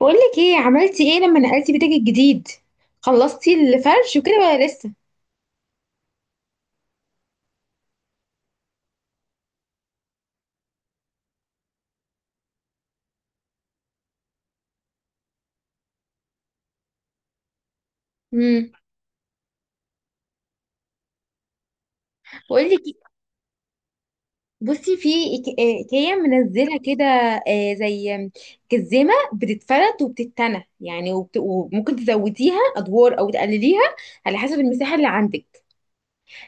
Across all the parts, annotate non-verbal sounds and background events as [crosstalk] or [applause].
بقولك ايه عملتي ايه لما نقلتي بيتك الجديد؟ خلصتي الفرش وكده ولا لسه؟ امم بقولك إيه، بصي في ايكيا منزله كده. زي جزمه بتتفرد وبتتنى يعني وممكن تزوديها ادوار او تقلليها على حسب المساحه اللي عندك.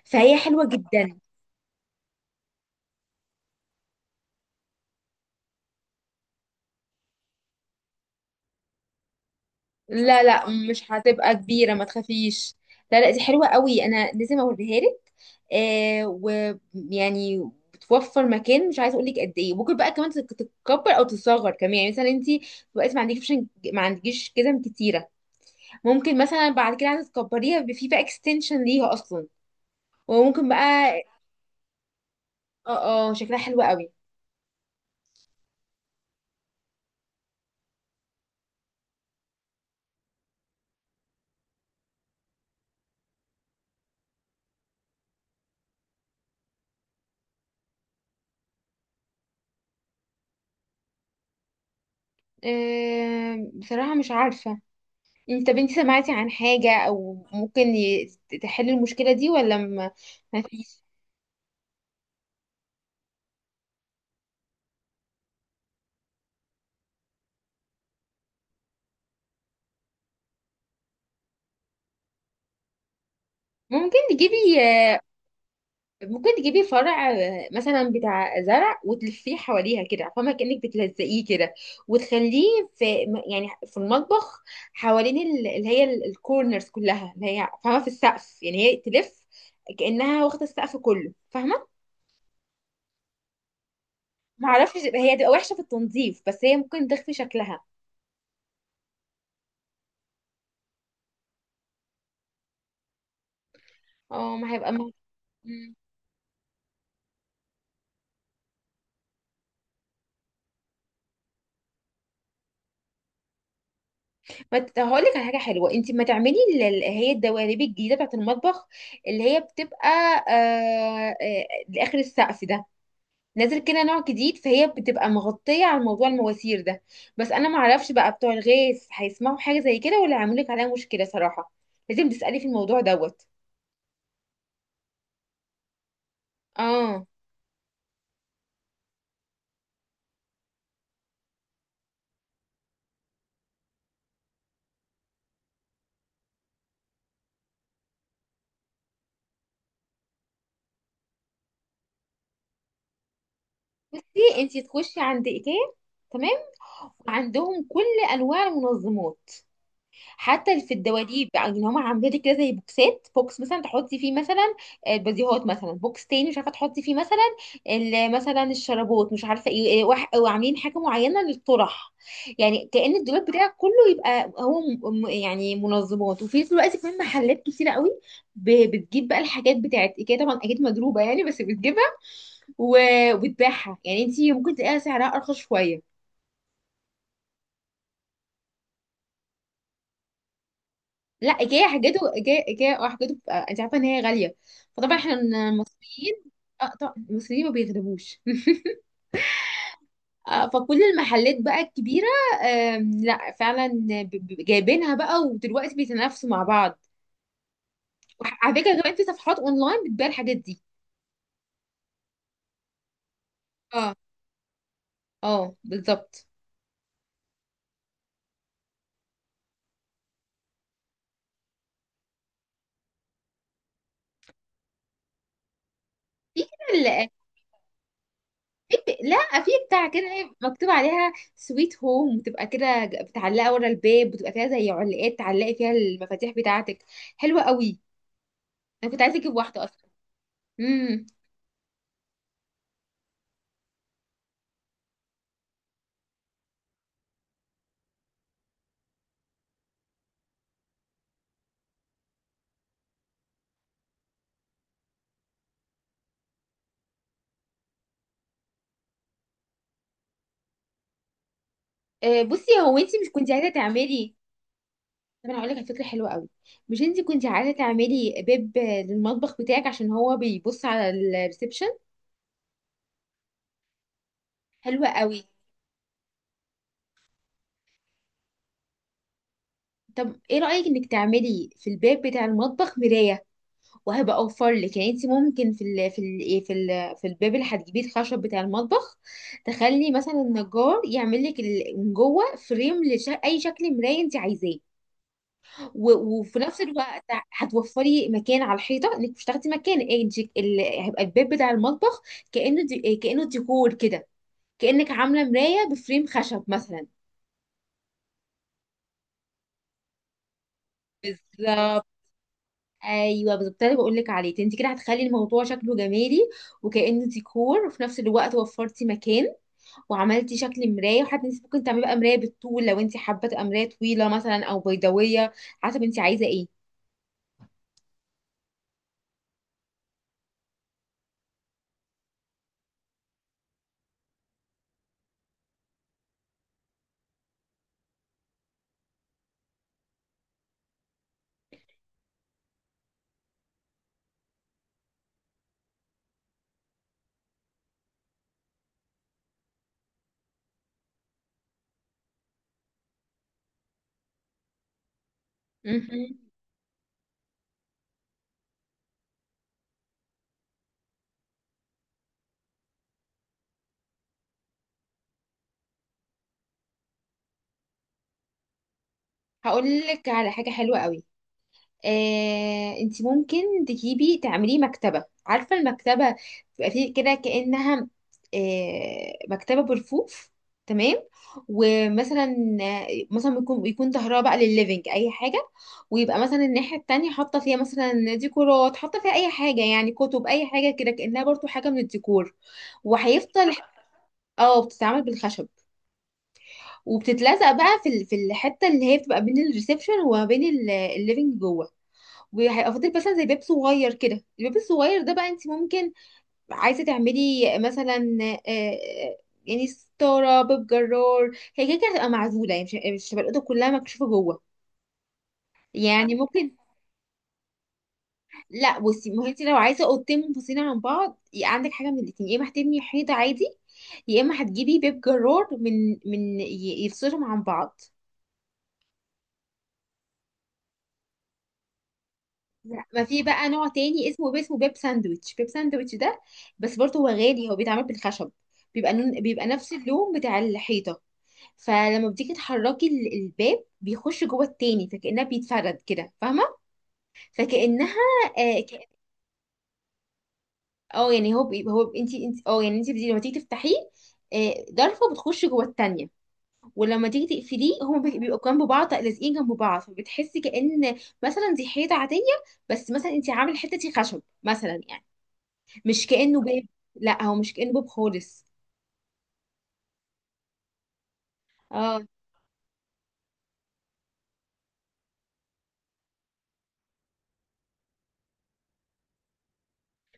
فهي حلوه جدا. لا لا مش هتبقى كبيرة، ما تخافيش. لا لا دي حلوة قوي، انا لازم اوريها لك. آه، ويعني بتوفر مكان مش عايزه اقول لك قد ايه. ممكن بقى كمان تتكبر او تتصغر كمان، يعني مثلا انت دلوقتي ما عندكيش. كده كتيره. ممكن مثلا بعد كده عايزه تكبريها، بيبقى في بقى اكستنشن ليها اصلا. وممكن بقى. اه اه، شكلها حلو قوي. بصراحه مش عارفه. انت بنتي سمعتي عن حاجه او ممكن تحل المشكله دي ولا ما؟ ما فيش. ممكن تجيبي ممكن تجيبي فرع، مثلا بتاع زرع، وتلفيه حواليها كده، فاهمة؟ كأنك بتلزقيه كده، وتخليه في يعني في المطبخ، حوالين اللي هي الكورنرز كلها، اللي هي فاهمة، في السقف. يعني هي تلف كأنها واخدة السقف كله، فاهمة؟ معرفش هي تبقى وحشة في التنظيف، بس هي ممكن تخفي شكلها. اه، ما هيبقى. مم. ما هقول لك على حاجه حلوه. انت ما تعملي اللي هي الدواليب الجديده بتاعت المطبخ اللي هي بتبقى، لاخر السقف ده، نازل كده، نوع جديد. فهي بتبقى مغطيه على موضوع المواسير ده. بس انا ما اعرفش بقى، بتوع الغاز هيسمعوا حاجه زي كده ولا هيعملوا لك عليها مشكله صراحه. لازم تسالي في الموضوع دوت. اه، انت تخشي عند ايكيا. تمام. وعندهم كل انواع المنظمات. حتى في الدواليب بقى، ان هم عاملين لك كده زي بوكسات، بوكس مثلا تحطي فيه مثلا البديهات، مثلا بوكس تاني مش عارفه تحطي فيه مثلا مثلا الشرابات، مش عارفه ايه إيه، وعاملين حاجه معينه للطرح. يعني كأن الدولاب بتاعك كله يبقى هو يعني منظمات، وفي نفس الوقت كمان محلات كتيره قوي بتجيب بقى الحاجات بتاعت ايكيا. طبعا اكيد مضروبه يعني، بس بتجيبها وبتبيعها، يعني انت ممكن تلاقيها سعرها ارخص شويه. لا، ايكيا حاجته، ايكيا اه حاجته بتبقى، انت عارفه ان هي غاليه، فطبعا احنا المصريين. اه طبعا المصريين ما بيغلبوش [laughs] فكل المحلات بقى الكبيره، لا فعلا، جايبينها بقى، ودلوقتي بيتنافسوا مع بعض. وعلى فكره كمان في صفحات اونلاين بتبيع الحاجات دي. اه اه، بالظبط. في كده لا، في بتاع كده إيه، مكتوب عليها سويت هوم، بتبقى كده بتعلقها ورا الباب، بتبقى فيها زي علقات تعلقي فيها المفاتيح بتاعتك. حلوه قوي، انا كنت عايزه اجيب واحده اصلا. امم بصي، هو انت مش كنت عايزه تعملي؟ طب انا هقول لك على فكره حلوه قوي. مش انت كنت عايزه تعملي باب، للمطبخ بتاعك عشان هو بيبص على الريسبشن؟ حلوه قوي. طب ايه رايك انك تعملي في الباب بتاع المطبخ مرايه؟ وهبقى اوفر لك. يعني انت ممكن في ال في ال ايه، في الباب اللي هتجيبيه، الخشب بتاع المطبخ، تخلي مثلا النجار يعمل لك من جوه فريم لاي شكل مرايه انت عايزاه. وفي نفس الوقت هتوفري مكان على الحيطه، انك مش تاخدي مكان، إيه هيبقى الباب بتاع المطبخ كانه دي إيه، كانه ديكور كده. كانك عامله مرايه بفريم خشب مثلا. بالظبط، ايوه بالظبط، ده اللي بقول لك عليه. انت كده هتخلي الموضوع شكله جمالي، وكانه ديكور، وفي نفس الوقت وفرتي مكان، وعملتي شكل مرايه. وحتى انت ممكن تعملي بقى مرايه بالطول، لو انت حابه تبقى مرايه طويله مثلا، او بيضاويه، حسب انت عايزه ايه. مهم. هقول لك على حاجه حلوه قوي. انت ممكن تجيبي تعمليه مكتبة. عارفة المكتبة بيبقى فيه كده كأنها، مكتبة برفوف. تمام. ومثلا، مثلا يكون ظهرها بقى للليفينج اي حاجة، ويبقى مثلا الناحية التانية حاطة فيها مثلا ديكورات، حاطة فيها اي حاجة، يعني كتب اي حاجة كده، كأنها برضو حاجة من الديكور. وهيفضل. اه، بتتعمل بالخشب. وبتتلزق بقى في في الحتة اللي هي بتبقى بين الريسبشن وما بين الليفينج جوه. وهيبقى فاضل مثلا زي باب صغير كده. الباب الصغير ده بقى، انت ممكن عايزه تعملي مثلا، يعني ستاره، باب جرار. هي كده كده هتبقى معزوله، يعني مش هتبقى الاوضه كلها مكشوفه جوه. يعني ممكن، لا بصي، ما هو انت لو عايزه اوضتين منفصلين عن بعض، يبقى عندك حاجه من الاتنين: يا اما هتبني حيطه عادي، يا اما هتجيبي باب جرار من يفصلهم عن بعض. لا، ما في بقى نوع تاني اسمه، اسمه بيب ساندويتش. بيب ساندويتش ده بس برضه هو غالي. هو بيتعمل بالخشب، بيبقى نون، بيبقى نفس اللون بتاع الحيطة. فلما بتيجي تحركي الباب، بيخش جوه التاني، فكأنها بيتفرد كده، فاهمة؟ فكأنها، اه، يعني هو هو انت، انت، اه يعني انت لما تيجي تفتحيه، ضرفة بتخش جوه التانية. ولما تيجي تقفليه، هما بيبقوا جنب بعض، لازقين جنب بعض، فبتحسي كأن مثلا دي حيطة عادية، بس مثلا انت عامل حتتي خشب مثلا، يعني مش كأنه باب. لا هو مش كأنه باب خالص. اه،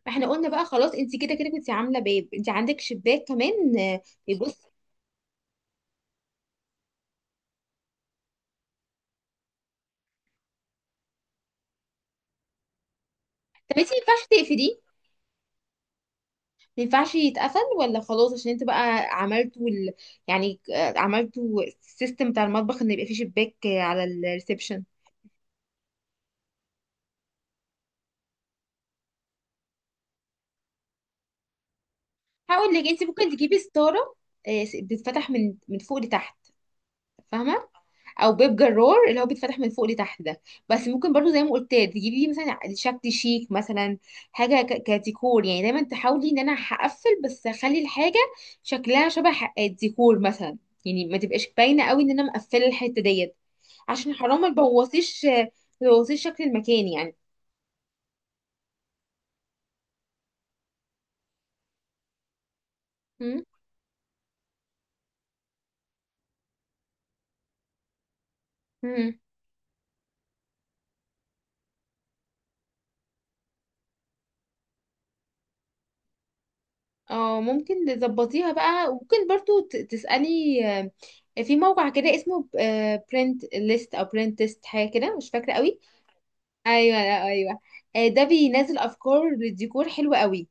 فاحنا قلنا بقى خلاص، انت كده كده كنت عامله باب، انت عندك شباك كمان، يبص. طب انت ما ينفعش تقفليه؟ ما ينفعش يتقفل ولا خلاص؟ عشان انت بقى عملتوا يعني عملتوا السيستم بتاع المطبخ ان يبقى فيه شباك على الريسبشن. هقول لك، انت ممكن تجيبي ستاره، بتتفتح من فوق لتحت، فاهمه؟ او بيب جرار اللي هو بيتفتح من فوق لتحت ده. بس ممكن برضو زي ما قلت تجيبي مثلا شكل شيك مثلا، حاجه كديكور، يعني دايما تحاولي ان انا هقفل، بس اخلي الحاجه شكلها شبه الديكور مثلا. يعني ما تبقاش باينه قوي ان انا مقفله الحته ديت، عشان حرام ما تبوظيش، ما تبوظيش شكل المكان يعني. مم. مم. اه، ممكن تظبطيها بقى. ممكن برضو تسألي، في موقع كده اسمه برنت ليست او برنت تيست، حاجه كده مش فاكره قوي. ايوه، لا ايوه، ده بينزل افكار للديكور حلوه قوي.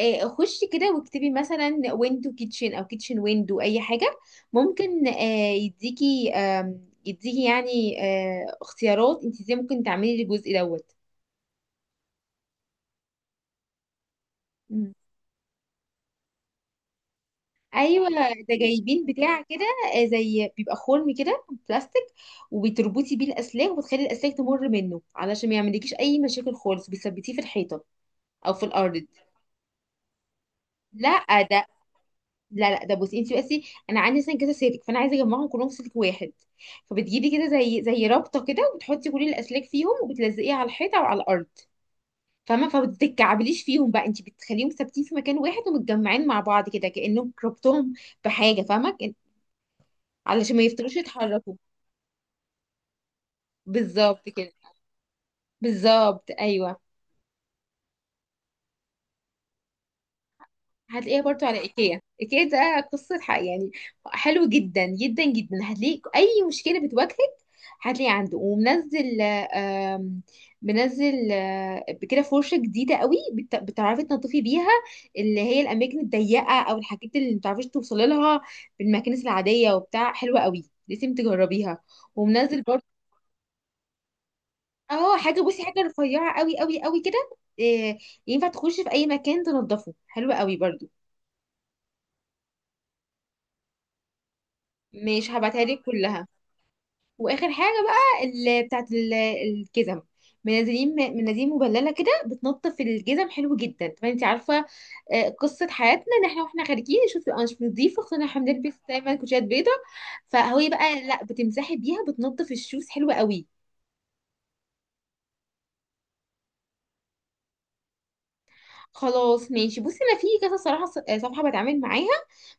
خشي كده واكتبي مثلا ويندو كيتشن او كيتشن ويندو اي حاجه. ممكن يديكي، يديكي يعني اختيارات انت ازاي ممكن تعملي الجزء دوت. مم. ايوه، ده جايبين بتاع كده، زي بيبقى خرم كده بلاستيك، وبتربطي بيه الاسلاك، وبتخلي الاسلاك تمر منه، علشان ما يعملكيش اي مشاكل خالص. بتثبتيه في الحيطه او في الارض. لا ده، لا لا ده، بصي انت بس. انا عندي مثلا كذا سلك، فانا عايزه اجمعهم كلهم في سلك واحد. فبتجيبي كده زي، رابطه كده، وبتحطي كل الاسلاك فيهم، وبتلزقيها على الحيطه او على الارض، فاهمه؟ فبتتكعبليش فيهم بقى، انت بتخليهم ثابتين في مكان واحد، ومتجمعين مع بعض كده كانهم ربطهم بحاجه، فاهمه؟ علشان ما يفضلوش يتحركوا. بالظبط كده. بالظبط ايوه. هتلاقيها برضو على ايكيا. ايكيا ده قصة حق يعني. حلو جدا جدا جدا، هتلاقي اي مشكلة بتواجهك هتلاقي عنده. ومنزل، منزل كده فرشة جديدة قوي بتعرفي تنظفي بيها اللي هي الأماكن الضيقة، أو الحاجات اللي متعرفيش توصلي لها بالماكينة العادية وبتاع. حلوة قوي لازم تجربيها. ومنزل برضو. اه حاجة، بصي حاجة رفيعة قوي قوي قوي كده، آه، ينفع تخشي في أي مكان تنظفه. حلوة قوي برضو. مش هبعتها لك كلها. واخر حاجه بقى اللي بتاعت الجزم، منزلين مناديل مبلله كده بتنظف الجزم، حلو جدا. طبعا انت عارفه، قصه حياتنا ان احنا واحنا خارجين نشوف انا مش نظيفه، خصوصا إن احنا بنلبس دايما كوتشات بيضه. فهو بقى، لا بتمسحي بيها بتنظف الشوز، حلوه قوي. خلاص ماشي. بصي انا في كذا صراحه، صفحه بتعامل معاها،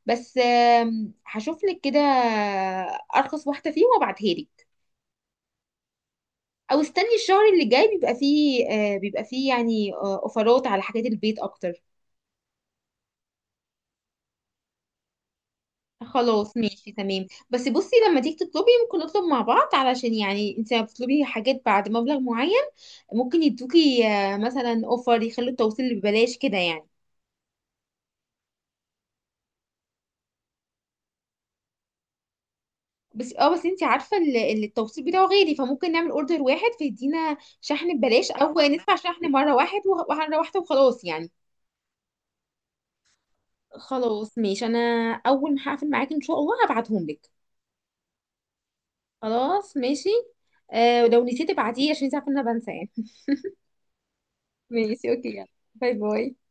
بس هشوف لك كده ارخص واحده فيهم وابعتها لك. او استني الشهر اللي جاي، بيبقى فيه بيبقى فيه يعني اوفرات على حاجات البيت اكتر. خلاص ماشي تمام. بس بصي، لما تيجي تطلبي ممكن نطلب مع بعض، علشان يعني انت لما بتطلبي حاجات بعد مبلغ معين ممكن يدوكي مثلا اوفر، يخلوا التوصيل ببلاش كده يعني. بس اه، بس انت عارفه التوصيل بتاعه غالي. فممكن نعمل اوردر واحد، فيدينا شحن ببلاش، او ندفع شحن مره واحد ومره واحده وخلاص يعني. خلاص ماشي. انا اول ما هقفل معاك ان شاء الله هبعتهم لك. خلاص ماشي. آه، ولو نسيت ابعتيه، عشان انت عارفه ان انا بنسى يعني. [laughs] ماشي اوكي، يلا. باي باي.